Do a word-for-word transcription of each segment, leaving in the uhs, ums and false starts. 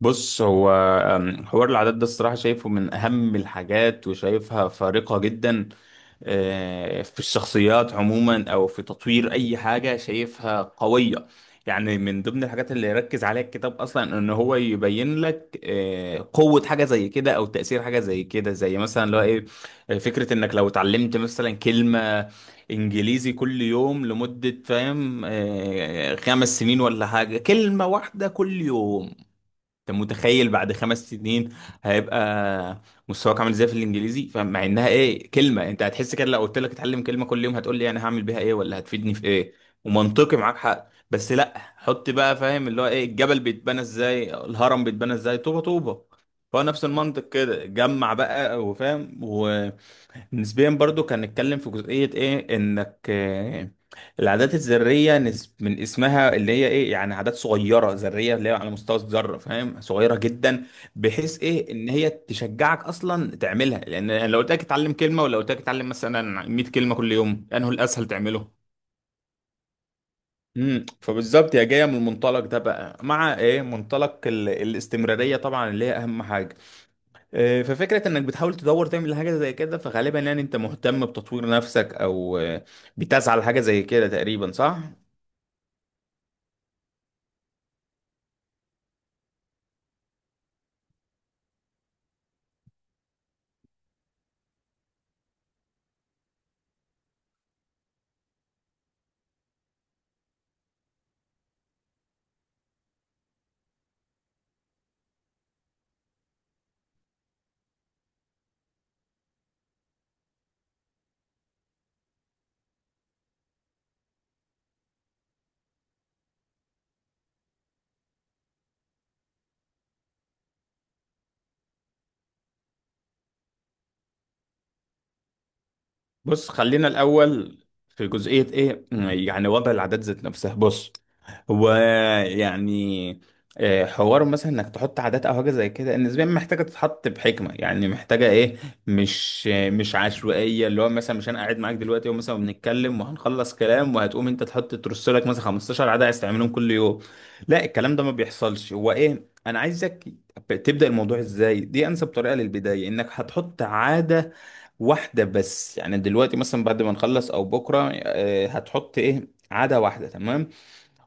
بص هو. أم، حوار العادات ده الصراحة شايفه من أهم الحاجات وشايفها فارقة جدا آه، في الشخصيات عموما أو في تطوير أي حاجة شايفها قوية. يعني من ضمن الحاجات اللي يركز عليها الكتاب أصلا إن هو يبين لك آه، قوة حاجة زي كده أو تأثير حاجة زي كده، زي مثلا اللي هو إيه. آه، فكرة إنك لو اتعلمت مثلا كلمة انجليزي كل يوم لمدة فاهم آه، خمس سنين ولا حاجة، كلمة واحدة كل يوم. انت متخيل بعد خمس سنين هيبقى مستواك عامل ازاي في الانجليزي؟ فمع انها ايه كلمه، انت هتحس كده لو قلت لك اتعلم كلمه كل يوم هتقول لي انا هعمل بيها ايه ولا هتفيدني في ايه، ومنطقي معاك حق. بس لا، حط بقى فاهم اللي هو ايه الجبل بيتبنى ازاي، الهرم بيتبنى ازاي، طوبه طوبه. هو نفس المنطق كده، جمع بقى وفاهم. ونسبيا برضو كان نتكلم في جزئيه ايه انك العادات الذرية نس- من اسمها اللي هي ايه، يعني عادات صغيرة ذرية اللي هي على مستوى الذرة فاهم، صغيرة جدا، بحيث ايه ان هي تشجعك اصلا تعملها. لان يعني لو قلت لك اتعلم كلمة، ولو قلت لك اتعلم مثلا مية كلمة كل يوم، انه الاسهل تعمله. امم، فبالظبط هي جايه من المنطلق ده بقى، مع ايه منطلق ال... الاستمراريه طبعا اللي هي اهم حاجه. إيه، ففكره انك بتحاول تدور تعمل حاجه زي كده، فغالبا يعني انت مهتم بتطوير نفسك او آه، بتسعى لحاجه زي كده تقريبا، صح؟ بص خلينا الأول في جزئية إيه، يعني وضع العادات ذات نفسها. بص هو يعني آه، حوار مثلا انك تحط عادات او حاجه زي كده نسبيا محتاجه تتحط بحكمه، يعني محتاجه ايه، مش آه، مش عشوائيه. اللي هو مثلا مش انا قاعد معاك دلوقتي ومثلا بنتكلم وهنخلص كلام وهتقوم انت تحط ترص لك مثلا خمسة عشر عاده عايز تعملهم كل يوم. لا، الكلام ده ما بيحصلش. هو ايه، انا عايزك تبدا الموضوع ازاي، دي انسب طريقه للبدايه، انك هتحط عاده واحدة بس. يعني دلوقتي مثلا بعد ما نخلص او بكرة آه، هتحط ايه عادة واحدة، تمام.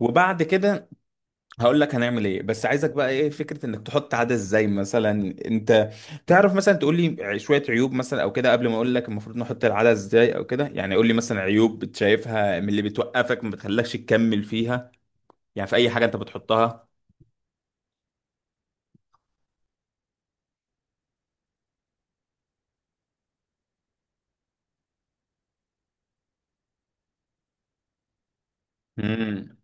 وبعد كده هقول لك هنعمل ايه، بس عايزك بقى ايه فكرة انك تحط عادة ازاي مثلا. انت تعرف مثلا تقول لي شوية عيوب مثلا او كده قبل ما اقول لك المفروض نحط العادة ازاي او كده؟ يعني قول لي مثلا عيوب بتشايفها من اللي بتوقفك ما بتخلكش تكمل فيها، يعني في اي حاجة انت بتحطها. مم.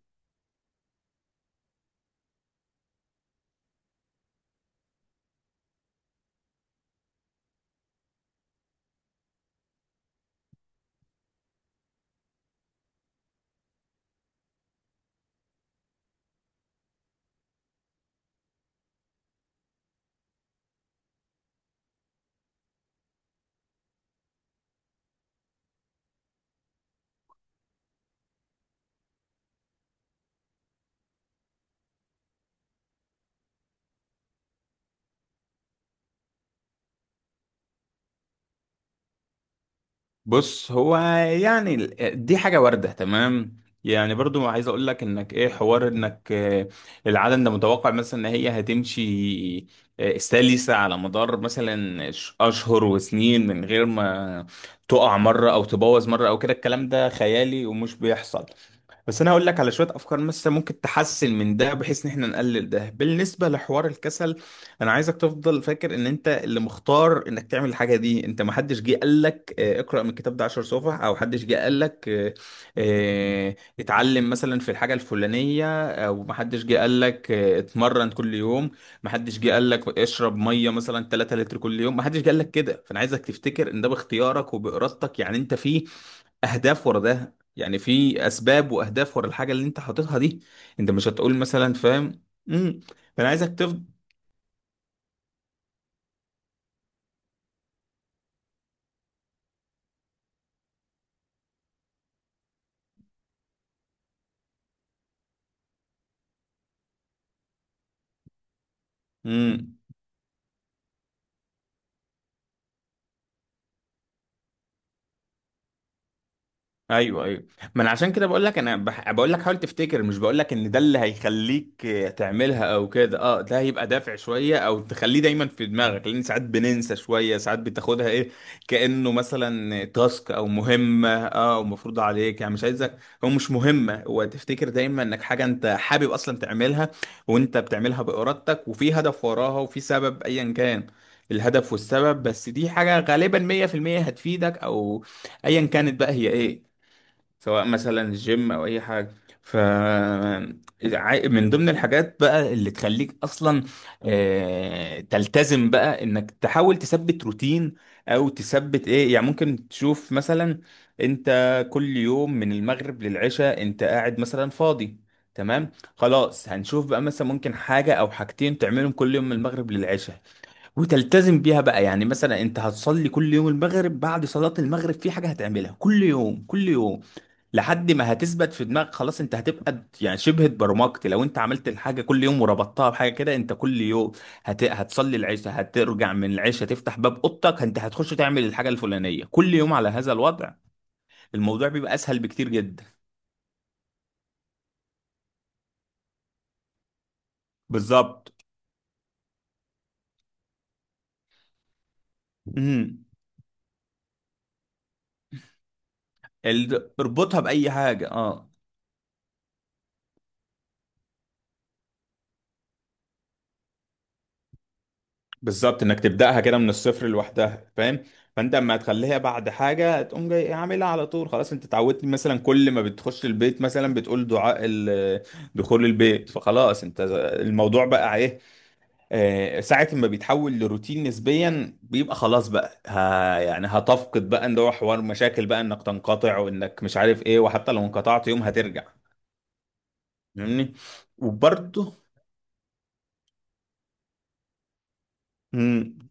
بص هو يعني ال- دي حاجة واردة تمام. يعني برضو عايز اقول لك انك ايه حوار انك آه، العالم ده متوقع مثلا ان هي هتمشي آه، سلسة على مدار مثلا ش- اشهر وسنين من غير ما تقع مرة او تبوظ مرة او كده، الكلام ده خيالي ومش بيحصل. بس انا هقول لك على شويه افكار مثلا ممكن تحسن من ده، بحيث ان احنا نقلل ده. بالنسبه لحوار الكسل، انا عايزك تفضل فاكر ان انت اللي مختار انك تعمل الحاجه دي. انت ما حدش جه قال لك آه، اقرا من الكتاب ده عشر صفح، او حدش جه قال لك آه، آه، اتعلم مثلا في الحاجه الفلانيه، او ما حدش جه قال لك آه، اتمرن كل يوم، ما حدش جه قال لك اشرب ميه مثلا تلاتة لتر كل يوم، ما حدش جه قال لك كده. فانا عايزك تفتكر ان ده باختيارك وبارادتك، يعني انت فيه اهداف ورا ده، يعني في اسباب واهداف ورا الحاجه اللي انت حاططها دي. انت مش هتقول مثلا فاهم. امم، فانا عايزك تفضل. ايوه ايوه، ما انا عشان كده بقول لك، انا بح... بقول لك حاول تفتكر، مش بقول لك ان ده اللي هيخليك آه، تعملها او كده. اه ده هيبقى دافع شويه او تخليه دايما في دماغك، لان ساعات بننسى شويه، ساعات بتاخدها ايه كانه مثلا تاسك او مهمه، اه ومفروض عليك. يعني مش عايزك، هو مش مهمه، هو تفتكر دايما انك حاجه انت حابب اصلا تعملها وانت بتعملها بارادتك، وفي هدف وراها وفي سبب ايا كان الهدف والسبب. بس دي حاجه غالبا مية في المية هتفيدك، او ايا كانت بقى هي ايه، سواء مثلا جيم او اي حاجه. ف عا- من ضمن الحاجات بقى اللي تخليك اصلا آه، تلتزم بقى، انك تحاول تثبت روتين او تثبت ايه. يعني ممكن تشوف مثلا انت كل يوم من المغرب للعشاء انت قاعد مثلا فاضي، تمام. خلاص، هنشوف بقى مثلا ممكن حاجة أو حاجتين تعملهم كل يوم من المغرب للعشاء وتلتزم بيها بقى. يعني مثلا أنت هتصلي كل يوم المغرب، بعد صلاة المغرب في حاجة هتعملها كل يوم كل يوم لحد ما هتثبت في دماغك. خلاص، انت هتبقى يعني شبه اتبرمجت لو انت عملت الحاجه كل يوم وربطتها بحاجه كده. انت كل يوم هت... هتصلي العشاء، هترجع من العشاء تفتح باب اوضتك انت هتخش تعمل الحاجه الفلانيه كل يوم على هذا الوضع. الموضوع بيبقى اسهل بكتير جدا. بالظبط. امم، ال- اربطها باي حاجه، اه بالظبط، انك تبداها كده من الصفر لوحدها فاهم. فانت اما تخليها بعد حاجه تقوم جاي عاملها على طول، خلاص انت اتعودت مثلا كل ما بتخش البيت مثلا بتقول دعاء ال- دخول البيت، فخلاص انت الموضوع بقى ايه آه، ساعه ما بيتحول لروتين نسبيا بيبقى خلاص بقى، ها يعني هتفقد بقى ان هو حوار مشاكل بقى انك تنقطع وانك مش عارف ايه، وحتى لو انقطعت يوم هترجع. فاهمني. وبرضه إمم،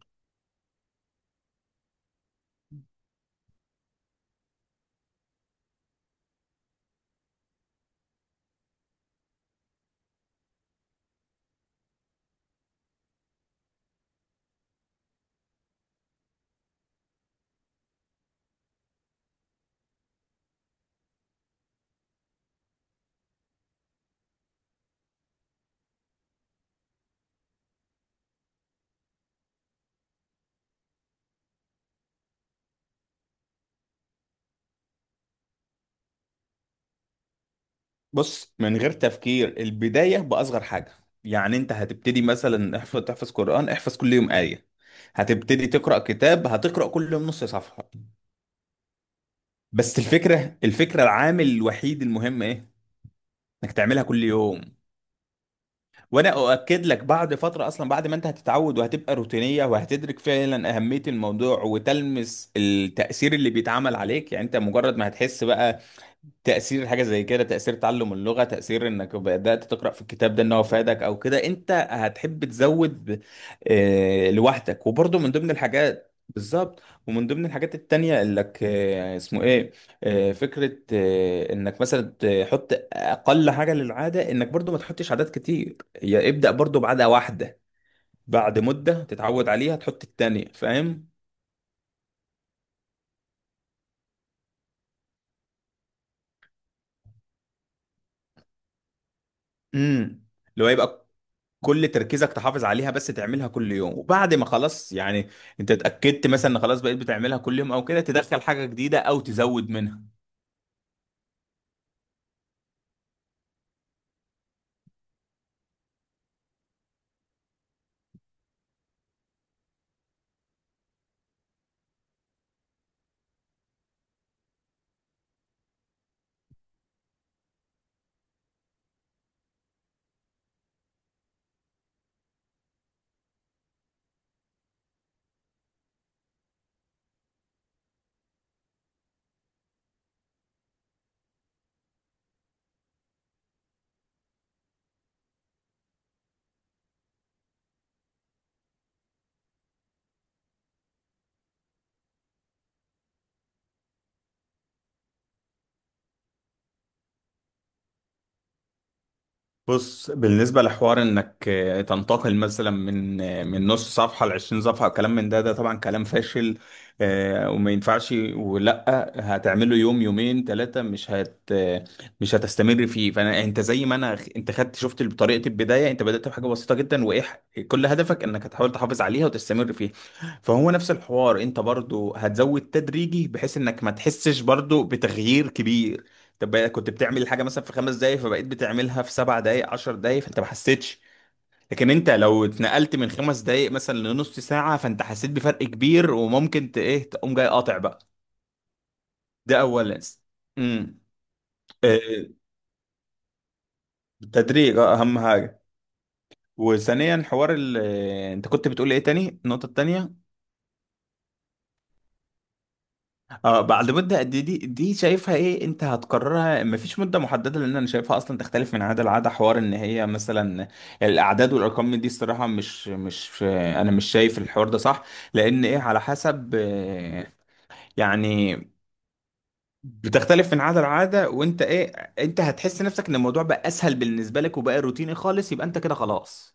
بص، من غير تفكير البداية بأصغر حاجة. يعني انت هتبتدي مثلا احفظ، تحفظ قرآن احفظ كل يوم آية. هتبتدي تقرأ كتاب، هتقرأ كل يوم نص صفحة. بس الفكرة، الفكرة العامل الوحيد المهم ايه، انك تعملها كل يوم. وانا اؤكد لك بعد فترة اصلا، بعد ما انت هتتعود وهتبقى روتينية وهتدرك فعلا اهمية الموضوع وتلمس التأثير اللي بيتعمل عليك، يعني انت مجرد ما هتحس بقى تأثير حاجة زي كده، تأثير تعلم اللغة، تأثير انك بدأت تقرأ في الكتاب ده ان هو فادك او كده، انت هتحب تزود آه، لوحدك. وبرضه من ضمن الحاجات بالظبط، ومن ضمن الحاجات التانية انك آه، اسمه ايه، آه، فكرة آه، انك مثلا تحط اقل حاجة للعادة، انك برضه ما تحطش عادات كتير، هي ابدأ برضه بعادة واحدة. بعد مدة تتعود عليها تحط التانية، فاهم؟ امم، اللي هو يبقى كل تركيزك تحافظ عليها بس، تعملها كل يوم. وبعد ما خلاص يعني انت اتأكدت مثلا ان خلاص بقيت بتعملها كل يوم او كده، تدخل حاجة جديدة او تزود منها. بص بالنسبة لحوار انك آه، تنتقل مثلا من آه، من نص صفحة لعشرين صفحة، كلام من ده، ده طبعا كلام فاشل آه، وما ينفعش، ولا هتعمله يوم يومين ثلاثة مش هت آه، مش هتستمر فيه. فانا انت زي ما انا انت خدت شفت طريقة البداية، انت بدأت بحاجة بسيطة جدا وايه ح- كل هدفك انك هتحاول تحافظ عليها وتستمر فيها. فهو نفس الحوار، انت برضو هتزود تدريجي بحيث انك ما تحسش برضو بتغيير كبير. طب بقى كنت بتعمل الحاجه مثلا في خمس دقايق فبقيت بتعملها في سبع دقايق، عشر دقايق، فانت ما حسيتش. لكن انت لو اتنقلت من خمس دقايق مثلا لنص ساعه فانت حسيت بفرق كبير وممكن ت... ايه تقوم جاي قاطع بقى. ده اولا. امم، التدريج اه اهم حاجه. وثانيا حوار ال... آه، انت كنت بتقول ايه تاني، النقطه التانيه؟ اه بعد مدة قد إيه، دي دي شايفها ايه، انت هتقررها، مفيش مدة محددة لان انا شايفها اصلا تختلف من عادة لعادة. حوار ان هي مثلا الاعداد والارقام من دي الصراحة، مش مش انا مش شايف الحوار ده صح. لان ايه، على حسب آه، يعني بتختلف من عادة لعادة، وانت ايه انت هتحس نفسك ان الموضوع بقى اسهل بالنسبة لك وبقى روتيني خالص، يبقى انت كده خلاص.